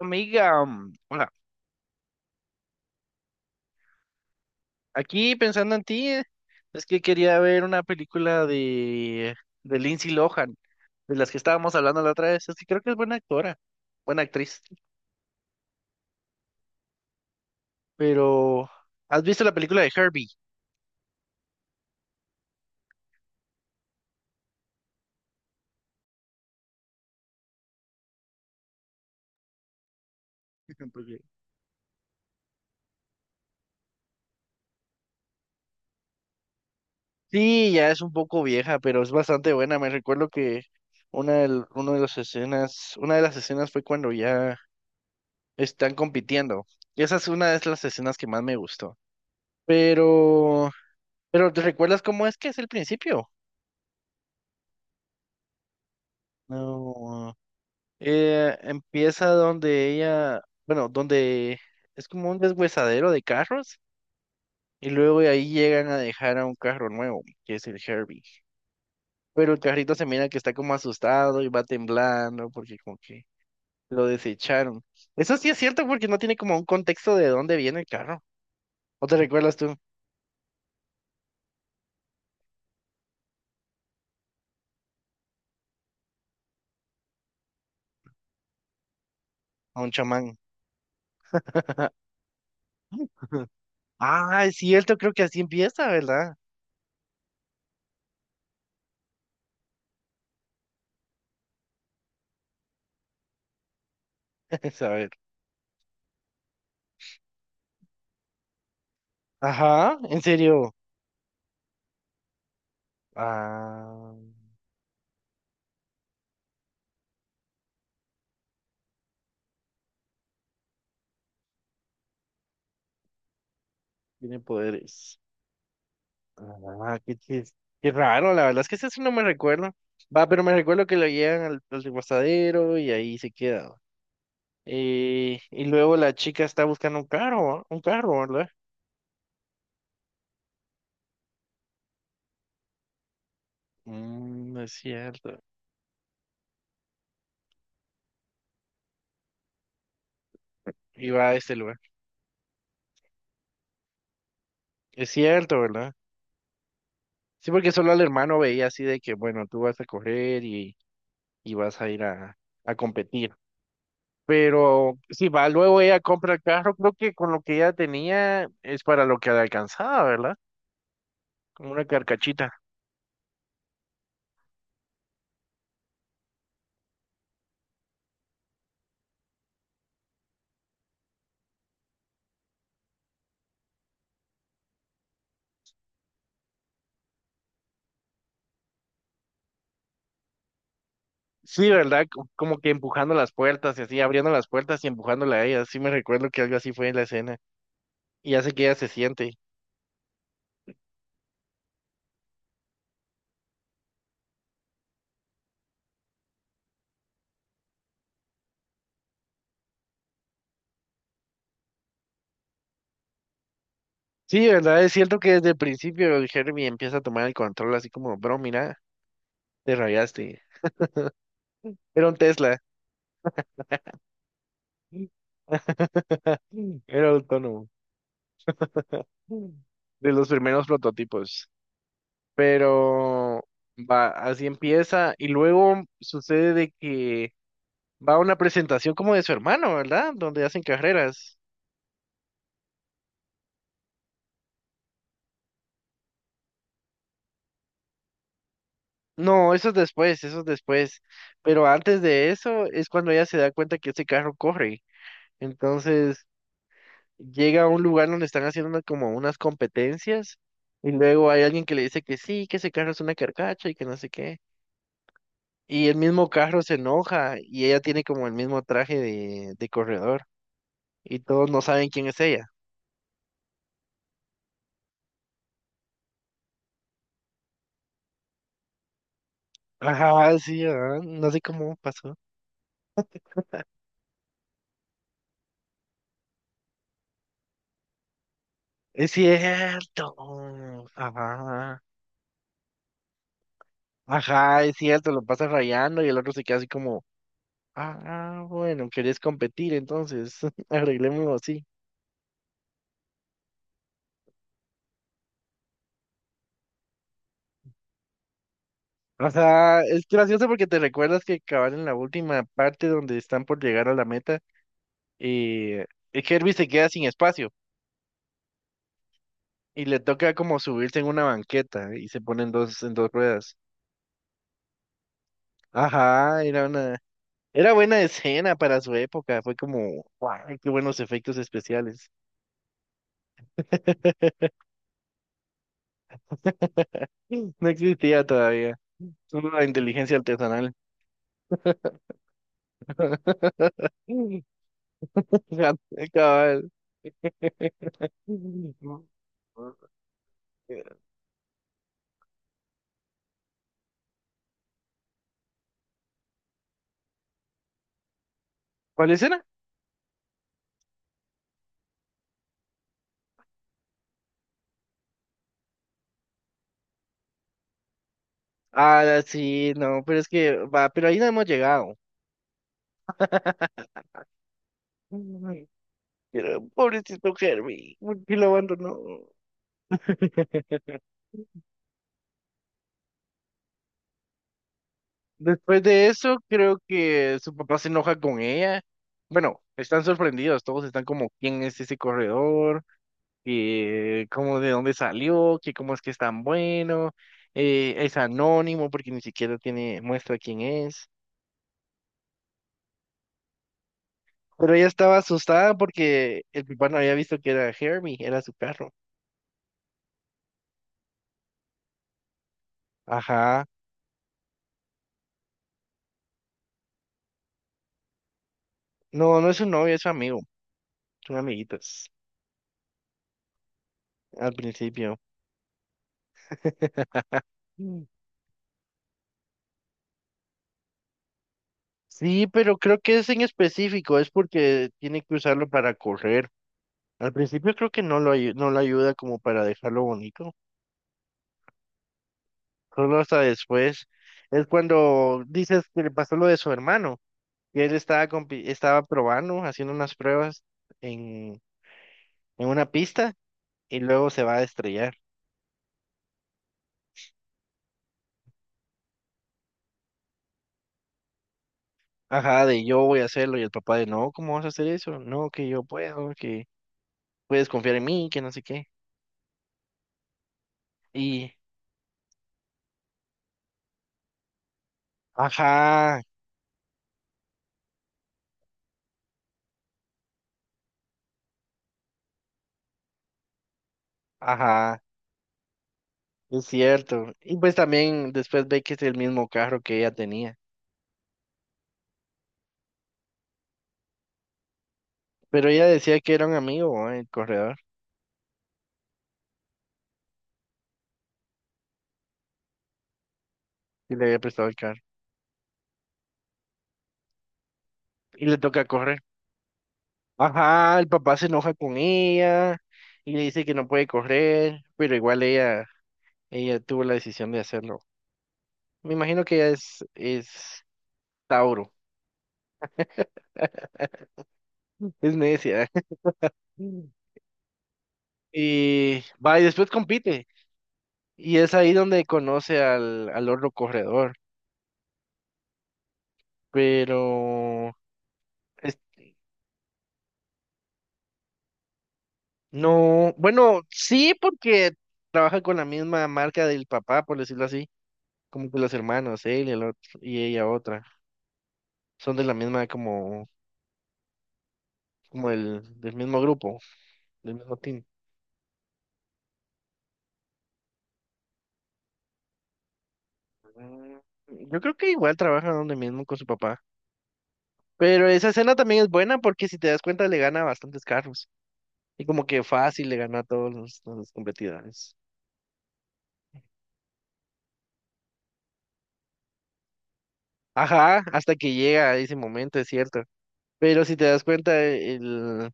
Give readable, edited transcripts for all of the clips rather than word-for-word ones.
Amiga, hola. Aquí pensando en ti, es que quería ver una película de Lindsay Lohan, de las que estábamos hablando la otra vez. Es que creo que es buena actora, buena actriz. Pero, ¿has visto la película de Herbie? Porque- Sí, ya es un poco vieja, pero es bastante buena. Me recuerdo que una de las escenas fue cuando ya están compitiendo. Y esa es una de las escenas que más me gustó. Pero, pero ¿te recuerdas cómo es que es el principio? No. Empieza donde donde es como un deshuesadero de carros y luego de ahí llegan a dejar a un carro nuevo, que es el Herbie. Pero el carrito se mira que está como asustado y va temblando porque como que lo desecharon. Eso sí es cierto porque no tiene como un contexto de dónde viene el carro. ¿O te recuerdas tú? A un chamán. Ah, es cierto, creo que así empieza, ¿verdad? A ver. Ajá, en serio. Ah, tiene poderes. Ah, qué raro, la verdad es que eso sí no me recuerdo. Va, pero me recuerdo que lo llevan al reposadero y ahí se queda. Y luego la chica está buscando un carro, ¿va? Un carro, ¿verdad? Mm, no es cierto. Y va a este lugar. Es cierto, ¿verdad? Sí, porque solo al hermano veía así de que, bueno, tú vas a correr y vas a ir a competir. Pero sí, va, luego ella compra el carro, creo que con lo que ella tenía es para lo que le alcanzaba, ¿verdad? Como una carcachita. Sí, ¿verdad? Como que empujando las puertas y así, abriendo las puertas y empujándola a ella. Sí me recuerdo que algo así fue en la escena. Y hace que ella se siente. Sí, ¿verdad? Es cierto que desde el principio el Herbie empieza a tomar el control así como, bro, mira, te rayaste. Era un Tesla. Era autónomo. De los primeros prototipos. Pero va, así empieza. Y luego sucede de que va a una presentación como de su hermano, ¿verdad? Donde hacen carreras. No, eso es después, eso es después. Pero antes de eso es cuando ella se da cuenta que ese carro corre. Entonces llega a un lugar donde están haciendo como unas competencias y luego hay alguien que le dice que sí, que ese carro es una carcacha y que no sé qué. Y el mismo carro se enoja y ella tiene como el mismo traje de corredor y todos no saben quién es ella. Ajá, sí, ajá, no sé cómo pasó. Es cierto. Ajá. Ajá, es cierto, lo pasa rayando y el otro se queda así como... Ah, bueno, querés competir, entonces arreglémoslo así. O sea, es gracioso porque te recuerdas que acabar en la última parte donde están por llegar a la meta y Herbie se queda sin espacio y le toca como subirse en una banqueta y se ponen dos en dos ruedas. Ajá, era buena escena para su época, fue como, guau, qué buenos efectos especiales. No existía todavía, solo la inteligencia artesanal. Gato, cabal. ¿Cuál escena? Ah, sí, no, pero es que va, pero ahí no hemos llegado. Pero pobrecito Herbie, ¿por qué lo abandonó? Después de eso, creo que su papá se enoja con ella. Bueno, están sorprendidos, todos están como, ¿quién es ese corredor? ¿Y cómo de dónde salió? ¿Qué cómo es que es tan bueno? Es anónimo porque ni siquiera tiene muestra quién es. Pero ella estaba asustada porque el papá no había visto que era Hermie, era su perro. Ajá. No, no es su novio, es su amigo. Son amiguitos al principio. Mm. Sí, pero creo que es en específico, es porque tiene que usarlo para correr. Al principio creo que no lo, no lo ayuda como para dejarlo bonito, solo hasta después. Es cuando dices que le pasó lo de su hermano, que él estaba, estaba probando, haciendo unas pruebas en, en una pista y luego se va a estrellar. Ajá, de yo voy a hacerlo y el papá de no, ¿cómo vas a hacer eso? No, que yo puedo, que puedes confiar en mí, que no sé qué. Y, ajá, ajá, es cierto. Y pues también después ve que es el mismo carro que ella tenía. Pero ella decía que era un amigo, ¿eh? El corredor, y le había prestado el carro. Y le toca correr. Ajá, el papá se enoja con ella y le dice que no puede correr, pero ella tuvo la decisión de hacerlo. Me imagino que es Tauro, es necia. Y va, y después compite. Y es ahí donde conoce al otro corredor. Pero es- no, bueno, sí, porque trabaja con la misma marca del papá, por decirlo así. Como que los hermanos, él y el otro, y ella otra. Son de la misma, del mismo grupo, del mismo team. Mm, yo creo que igual trabaja donde mismo con su papá. Pero esa escena también es buena porque si te das cuenta le gana a bastantes carros. Y como que fácil le gana a todos los competidores. Ajá, hasta que llega a ese momento, es cierto. Pero si te das cuenta,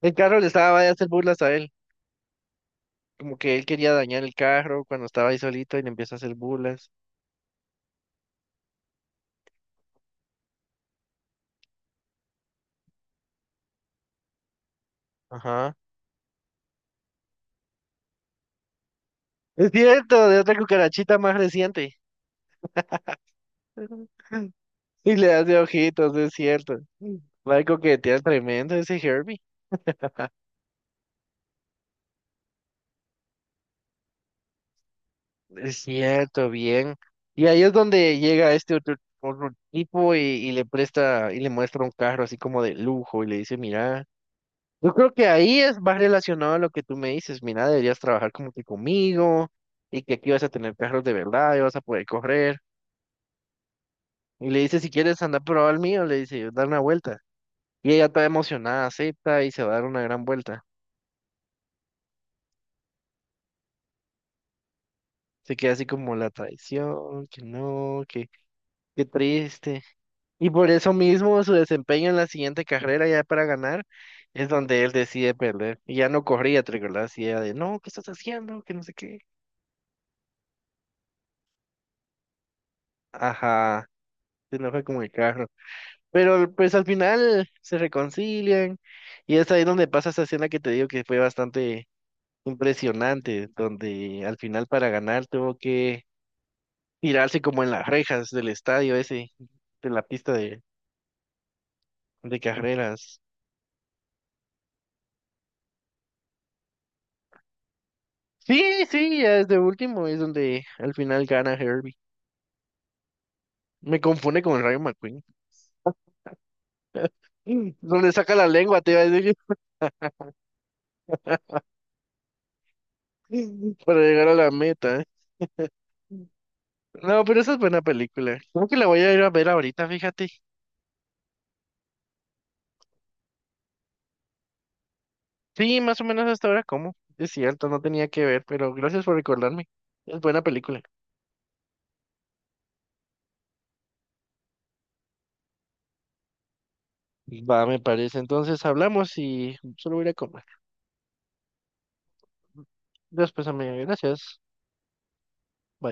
el carro le estaba a hacer burlas a él. Como que él quería dañar el carro cuando estaba ahí solito y le empieza a hacer burlas. Ajá. Es cierto, de otra cucarachita más reciente. Y le hace ojitos, es cierto. Va, coquetea tremendo ese Herbie. Es cierto, bien. Y ahí es donde llega este otro tipo y le presta y le muestra un carro así como de lujo y le dice, mira. Yo creo que ahí es más relacionado a lo que tú me dices. Mira, deberías trabajar como que conmigo y que aquí vas a tener carros de verdad y vas a poder correr. Y le dice, si quieres andar a probar el mío, le dice, dar una vuelta. Y ella toda emocionada, acepta y se va a dar una gran vuelta. Se queda así como la traición, que no, que qué triste. Y por eso mismo su desempeño en la siguiente carrera ya para ganar es donde él decide perder. Y ya no corría, ¿te recordás? Y ella de, no, ¿qué estás haciendo? Que no sé qué. Ajá, se enoja con el carro. Pero pues al final se reconcilian y es ahí donde pasa esa escena que te digo que fue bastante impresionante, donde al final para ganar tuvo que tirarse como en las rejas del estadio ese, de la pista de carreras. Sí, sí, ya es de último, es donde al final gana Herbie. Me confunde con Rayo McQueen. Mm, donde saca la lengua, te iba a decir, para llegar a la meta. No, pero esa es buena película. Creo que la voy a ir a ver ahorita, fíjate. Sí, más o menos hasta ahora como. Es cierto, no tenía que ver, pero gracias por recordarme. Es buena película. Va, me parece. Entonces hablamos y solo voy a ir a comer. Después, amiga, gracias.